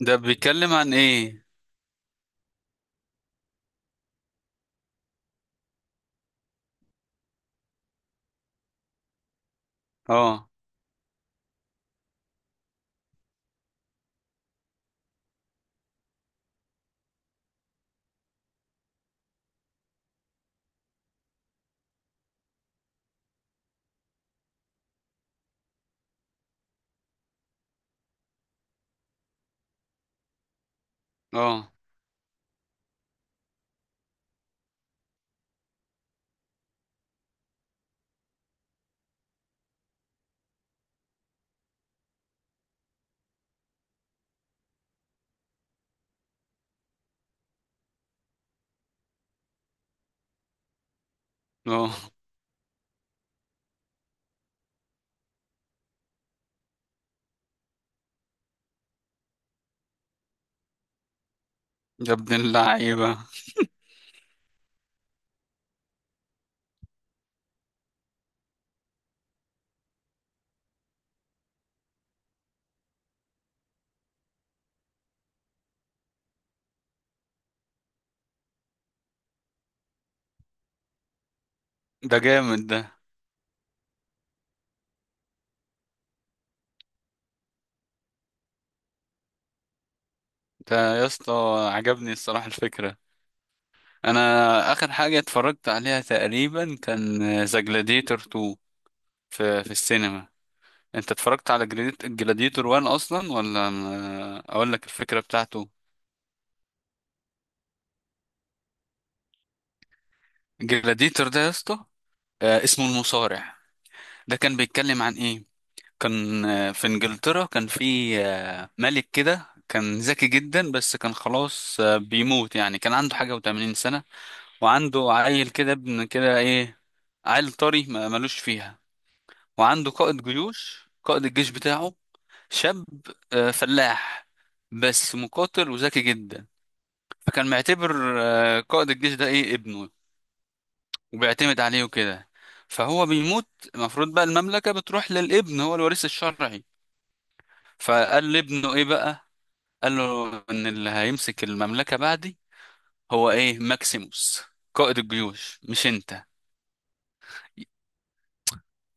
ده بيتكلم عن ايه؟ اه اه اه يا ابن اللعيبة. ده جامد ده. ده يا اسطى، عجبني الصراحة الفكرة. انا اخر حاجة اتفرجت عليها تقريبا كان ذا جلاديتور 2 في السينما. انت اتفرجت على جلاديتور 1 اصلا، ولا اقول لك الفكرة بتاعته؟ جلاديتور ده يا اسطى، اسمه المصارع. ده كان بيتكلم عن ايه؟ كان في انجلترا، كان في ملك كده كان ذكي جدا، بس كان خلاص بيموت يعني، كان عنده حاجة وتمانين سنة. وعنده عيل كده، ابن كده ايه، عيل طري ملوش فيها. وعنده قائد جيوش، قائد الجيش بتاعه، شاب، فلاح بس مقاتل وذكي جدا، فكان معتبر قائد الجيش ده ايه ابنه، وبيعتمد عليه وكده. فهو بيموت، المفروض بقى المملكة بتروح للابن، هو الوريث الشرعي. فقال لابنه ايه بقى، قال له ان اللي هيمسك المملكة بعدي هو ايه ماكسيموس، قائد الجيوش، مش انت.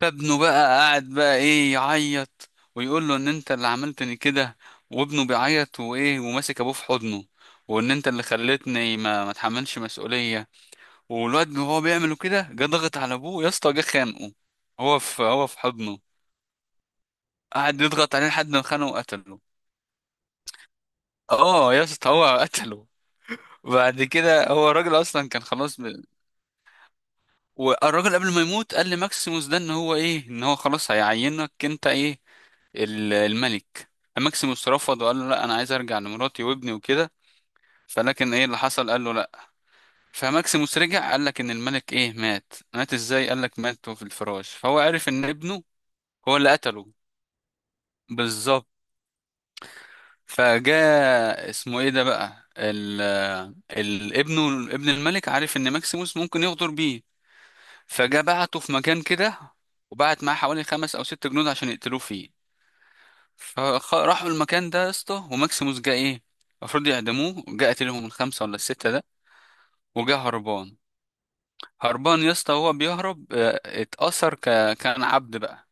فابنه بقى قاعد بقى ايه، يعيط ويقول له ان انت اللي عملتني كده، وابنه بيعيط وايه وماسك ابوه في حضنه، وان انت اللي خلتني ما اتحملش مسؤولية. والواد وهو بيعمله كده، جه ضغط على ابوه يا اسطى، جه خانقه. هو في حضنه، قعد يضغط عليه لحد ما خانه وقتله. اه يا اسطى، هو قتله. بعد كده هو الراجل اصلا كان خلاص. والراجل قبل ما يموت قال لماكسيموس ده ان هو ايه، ان هو خلاص هيعينك انت ايه، الملك. ماكسيموس رفض وقال له لا، انا عايز ارجع لمراتي وابني وكده، فلكن ايه اللي حصل، قال له لا. فماكسيموس رجع، قال لك ان الملك ايه مات، مات ازاي؟ قال لك مات في الفراش، فهو عرف ان ابنه هو اللي قتله. بالظبط. فجاء اسمه ايه ده بقى، ال ابنه، ابن الملك، عارف ان ماكسيموس ممكن يغدر بيه، فجا بعته في مكان كده، وبعت معاه حوالي خمس او ست جنود عشان يقتلوه فيه. فراحوا المكان ده يا اسطى، وماكسيموس جه ايه، المفروض يعدموه، جه قتلهم الخمسه ولا السته ده، وجه هربان. هربان يا اسطى، وهو بيهرب كان عبد بقى.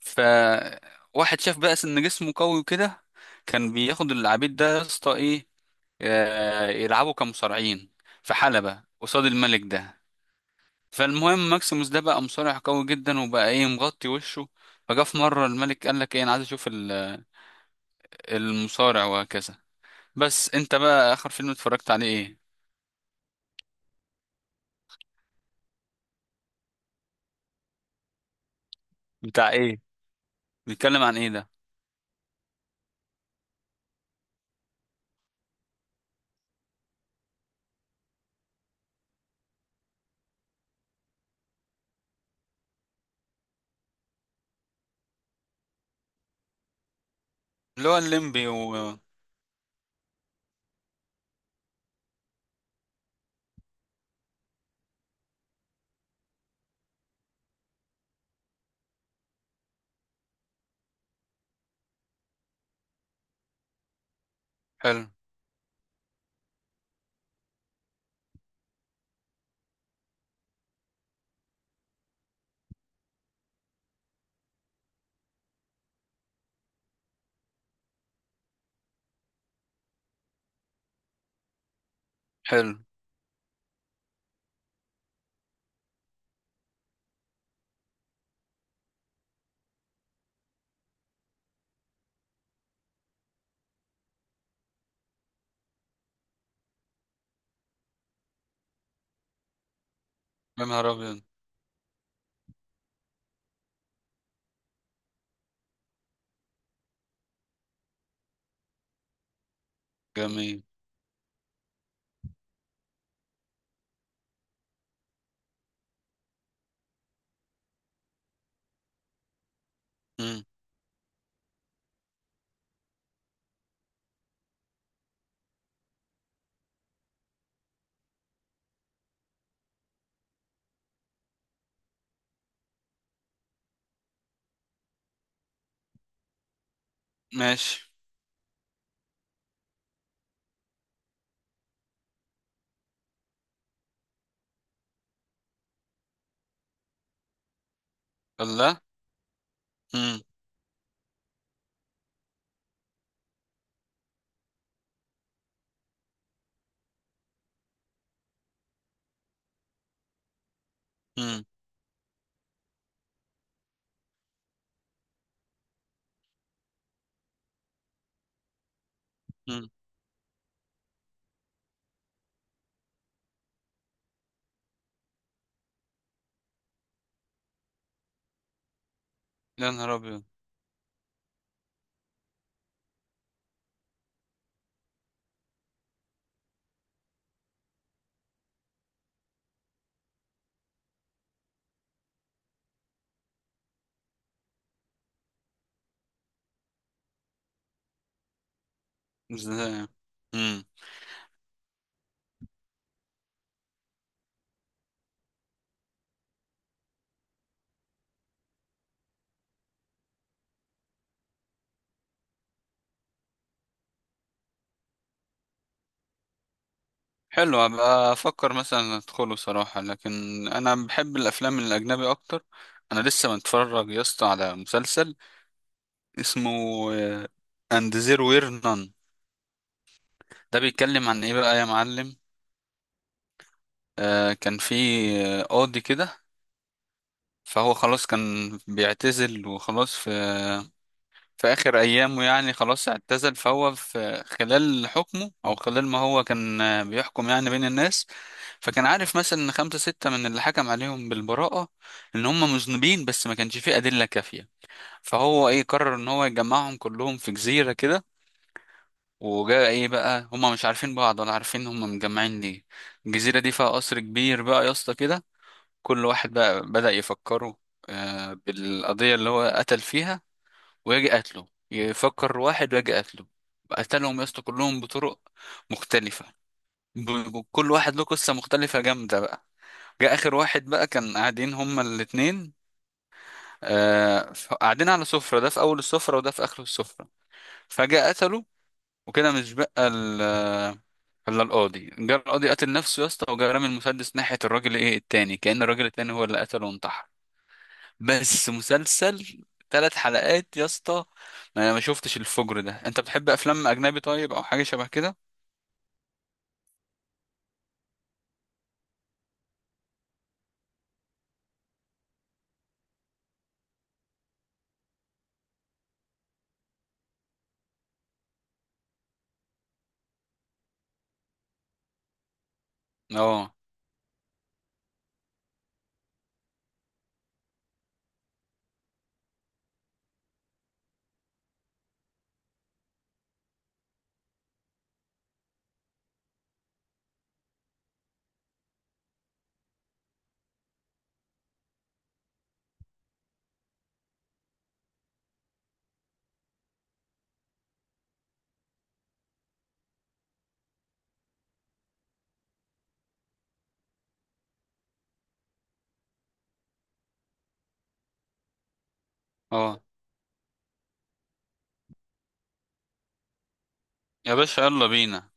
فواحد شاف بقى ان جسمه قوي وكده، كان بياخد العبيد ده يا اسطى ايه، يلعبوا كمصارعين في حلبة قصاد الملك ده. فالمهم ماكسيموس ده بقى مصارع قوي جدا، وبقى ايه مغطي وشه. فجاء في مرة الملك قال لك ايه انا عايز اشوف المصارع وهكذا. بس انت بقى اخر فيلم اتفرجت عليه ايه؟ بتاع ايه؟ بيتكلم عن ايه ده؟ اللي هو الليمبي و حلو. حلو. يا نهار ابيض. جميل. مم. ماشي. الله. مم. مم. مم. يا نهار ابيض. ازاي؟ مم. حلو، ابقى افكر مثلا ادخله صراحة، لكن انا بحب الافلام الاجنبي اكتر. انا لسه متفرج يا اسطى على مسلسل اسمه اند زيرو وير نان. ده بيتكلم عن ايه بقى يا معلم؟ آه كان في قاضي كده، فهو خلاص كان بيعتزل وخلاص، في في آخر أيامه يعني خلاص اعتزل. فهو في خلال حكمه أو خلال ما هو كان بيحكم يعني بين الناس، فكان عارف مثلا إن خمسة ستة من اللي حكم عليهم بالبراءة إن هم مذنبين بس ما كانش فيه أدلة كافية. فهو إيه، قرر إن هو يجمعهم كلهم في جزيرة كده. وجاء إيه بقى، هم مش عارفين بعض ولا عارفين هم مجمعين ليه. الجزيرة دي فيها قصر كبير بقى يا اسطى كده. كل واحد بقى بدأ يفكروا بالقضية اللي هو قتل فيها، ويجي قتله يفكر واحد ويجي قتله. قتلهم يا اسطى كلهم بطرق مختلفة، كل واحد له قصة مختلفة جامدة بقى. جه آخر واحد بقى كان قاعدين هما الاتنين، آه قاعدين على سفرة، ده في أول السفرة وده في آخر السفرة، فجأة قتله. وكده مش بقى ال آه، إلا القاضي، جه القاضي قتل نفسه يا اسطى، وجه رامي المسدس ناحية الراجل إيه التاني، كأن الراجل التاني هو اللي قتله وانتحر. بس مسلسل ثلاث حلقات يا اسطى. ما انا ما شفتش الفجر ده. انت بتحب افلام اجنبي طيب، او حاجه شبه كده؟ اه اه، يا باشا يلا بينا.